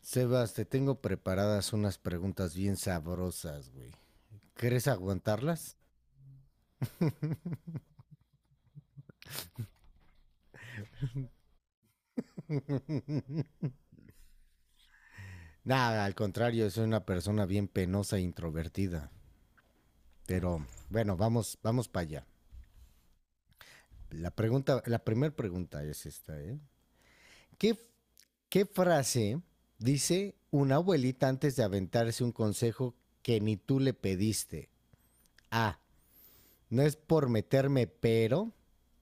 Sebas, te tengo preparadas unas preguntas bien sabrosas, güey. ¿Quieres aguantarlas? Nada, al contrario, soy una persona bien penosa e introvertida. Pero bueno, vamos, vamos para allá. La primera pregunta es esta, ¿eh? ¿Qué, ¿Qué frase dice una abuelita antes de aventarse un consejo que ni tú le pediste? A. No es por meterme, pero.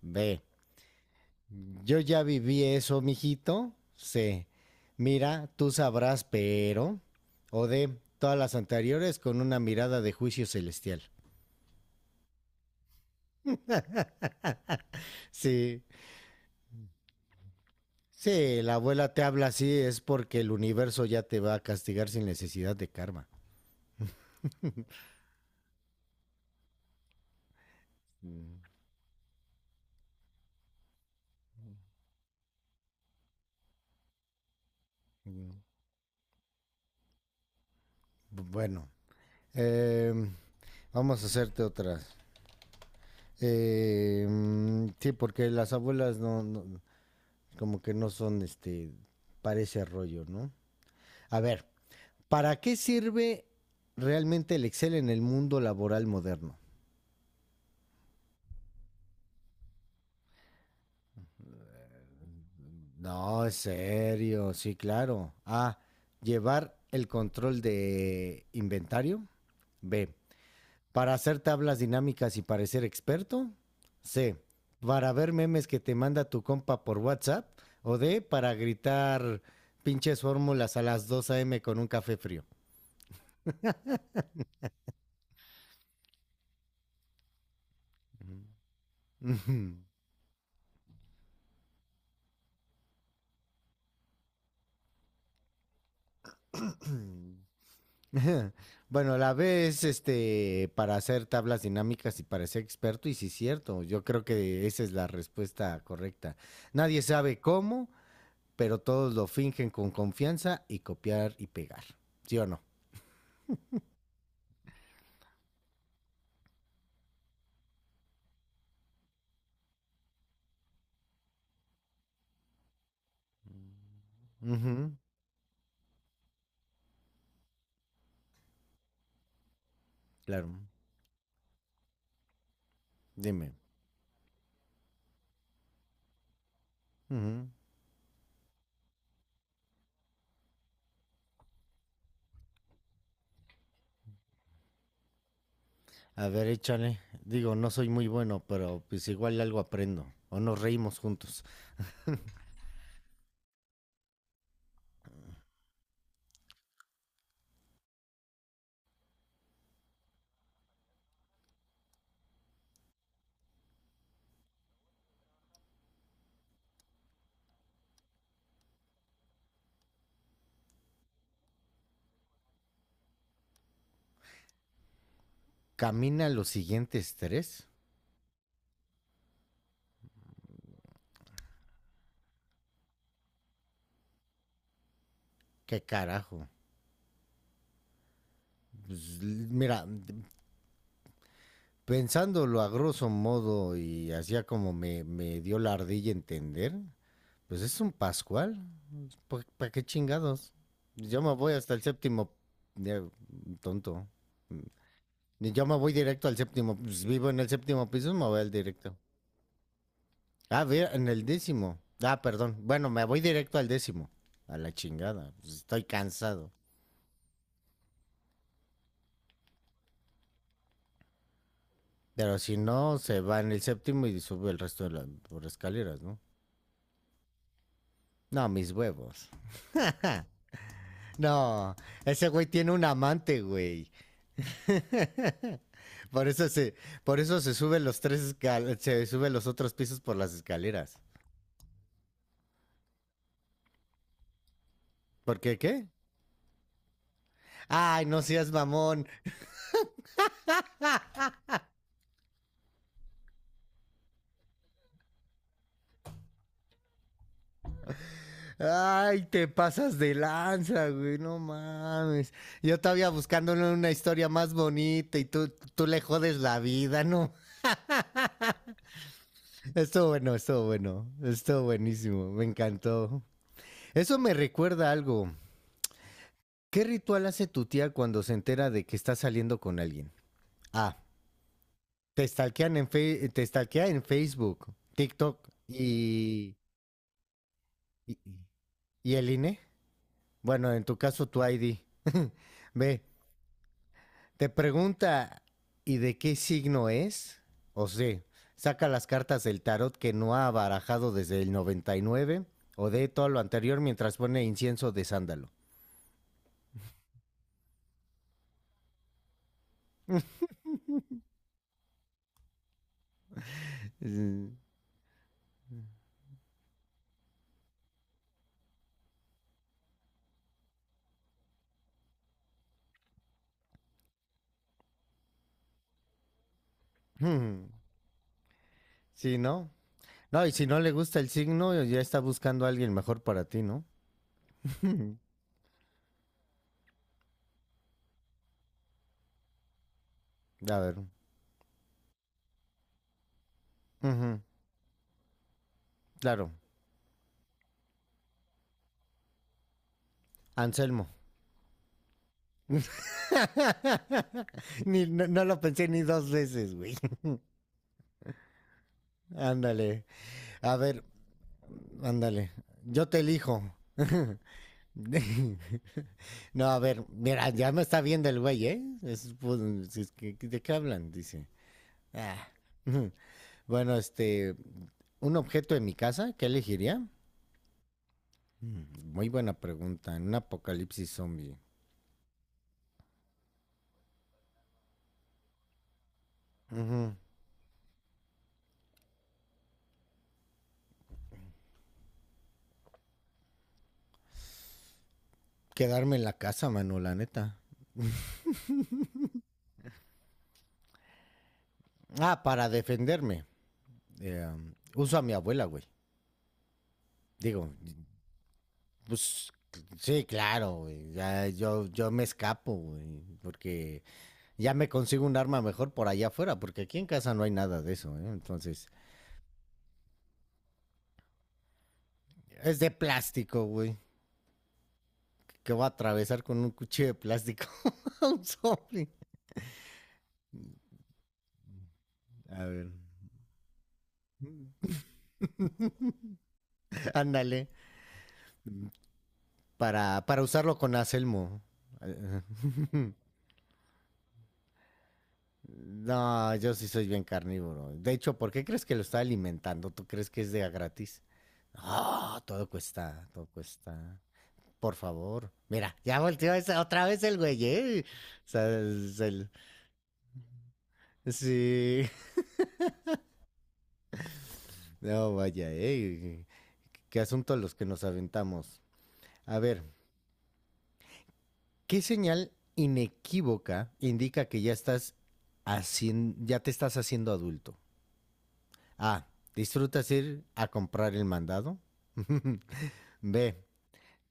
B. Yo ya viví eso, mijito. Sí. Mira, tú sabrás, pero. O de todas las anteriores con una mirada de juicio celestial. Sí. Sí, la abuela te habla así, es porque el universo ya te va a castigar sin necesidad de karma. Mm, mm. Bueno, eh, vamos a hacerte otras. Sí, porque las abuelas como que no son este, parece rollo, ¿no? A ver, ¿para qué sirve realmente el Excel en el mundo laboral moderno? No, es serio, sí, claro. A. Llevar el control de inventario. B. Para hacer tablas dinámicas y parecer experto. C. Para ver memes que te manda tu compa por WhatsApp. O D. Para gritar pinches fórmulas a las 2 a.m. con un café frío. Bueno, la B es este para hacer tablas dinámicas y para ser experto, y sí es cierto, yo creo que esa es la respuesta correcta. Nadie sabe cómo, pero todos lo fingen con confianza y copiar y pegar. ¿Sí o no? Ujú, claro, dime. Ujú. A ver, échale. Digo, no soy muy bueno, pero pues igual algo aprendo. O nos reímos juntos. Camina los siguientes tres. ¿Qué carajo? Pues, mira, pensándolo a grosso modo y hacía como me dio la ardilla entender, pues es un Pascual. Pues, ¿para qué chingados? Yo me voy hasta el séptimo. Ya, tonto. Yo me voy directo al séptimo. Pues vivo en el séptimo piso, me voy al directo. Ah, en el décimo. Ah, perdón. Bueno, me voy directo al décimo. A la chingada. Pues estoy cansado. Pero si no, se va en el séptimo y sube el resto de las por escaleras, ¿no? No, mis huevos. No, ese güey tiene un amante, güey. Por eso se, por eso se sube los tres se sube los otros pisos por las escaleras. ¿Por qué qué? Ay, no seas mamón. Ay, te pasas de lanza, güey. No mames. Yo todavía buscándole una historia más bonita y tú le jodes la vida, ¿no? Estuvo bueno, estuvo bueno. Estuvo buenísimo. Me encantó. Eso me recuerda a algo. ¿Qué ritual hace tu tía cuando se entera de que está saliendo con alguien? A. Te stalkea en Facebook, TikTok y, y el INE. Bueno, en tu caso, tu ID. Ve, te pregunta, ¿y de qué signo es? O sea, saca las cartas del tarot que no ha barajado desde el 99 o de todo lo anterior mientras pone incienso de sándalo. Mm, hmm, sí, ¿no? No, y si no le gusta el signo, ya está buscando a alguien mejor para ti, ¿no? A ver. Ujú, claro. Anselmo. No, lo pensé ni 2 veces, güey. Ándale. A ver, ándale. Yo te elijo. No, a ver, mira, ya me está viendo el güey, ¿eh? Es, pues, si es que- ¿De qué hablan? Dice. Ah. Bueno, un objeto de mi casa, ¿qué elegiría? Mm, Muy buena pregunta. En un apocalipsis zombie. Ujú. Quedarme en la casa, mano, la neta. Ah, para defenderme. Uso a mi abuela, güey. Digo, pues sí, claro, güey. Ya, yo me escapo, güey, porque ya me consigo un arma mejor por allá afuera, porque aquí en casa no hay nada de eso, ¿eh? Entonces, es de plástico, güey, que voy a atravesar con un cuchillo de plástico a un zombie. A ver, ándale, para usarlo con acelmo. No, yo sí soy bien carnívoro. De hecho, ¿por qué crees que lo está alimentando? ¿Tú crees que es de a gratis? Ah, todo cuesta, todo cuesta. Por favor. Mira, ya volteó otra vez el güey, ¿eh? O sea, sí. No, vaya, ¿eh? Qué asunto los que nos aventamos. A ver, ¿qué señal inequívoca indica que ya te estás haciendo adulto? A. Disfrutas ir a comprar el mandado. B.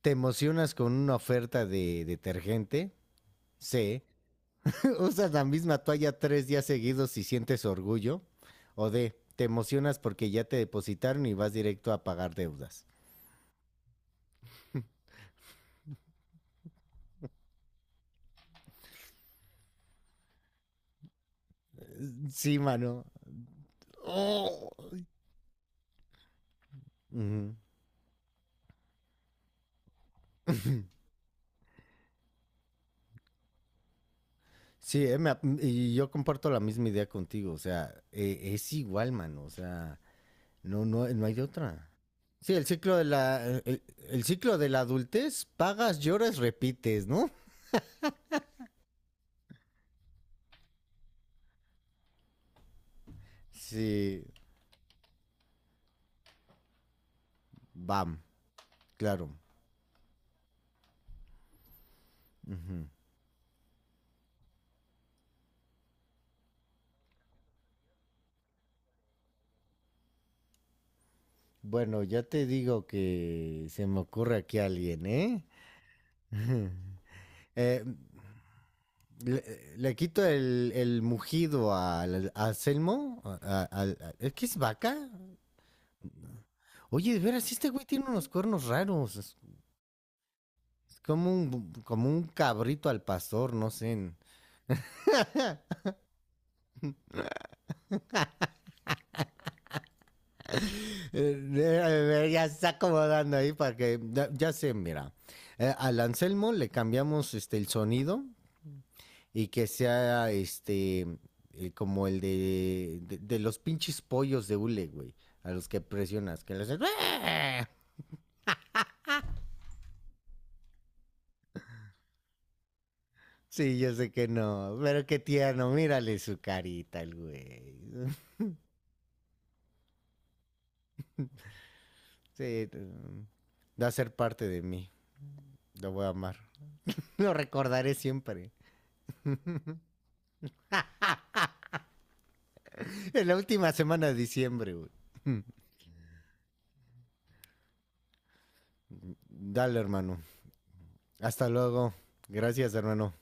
Te emocionas con una oferta de detergente. C. Usas la misma toalla 3 días seguidos y sientes orgullo. O D. Te emocionas porque ya te depositaron y vas directo a pagar deudas. Sí, mano. Oh. Ujú. Sí, y yo comparto la misma idea contigo. O sea, es igual, mano. O sea, no, no, no hay otra. Sí, el ciclo de la adultez, pagas, lloras, repites, ¿no? Sí, bam, claro. Ujú. Bueno, ya te digo que se me ocurre aquí alguien, ¿eh? Eh, le quito el mugido a Selmo. ¿Es que es vaca? Oye, de veras, este güey tiene unos cuernos raros. Es como un cabrito al pastor, no sé. Ya se está acomodando ahí para que. Ya sé, mira. Al Anselmo le cambiamos el sonido y que sea como el de los pinches pollos de hule, güey, a los que presionas, que los... Sí, yo sé que no, pero qué tierno, mírale su carita, el güey. Sí, va a ser parte de mí, lo voy a amar. Lo recordaré siempre. En la última semana de diciembre, güey. Dale, hermano. Hasta luego. Gracias, hermano.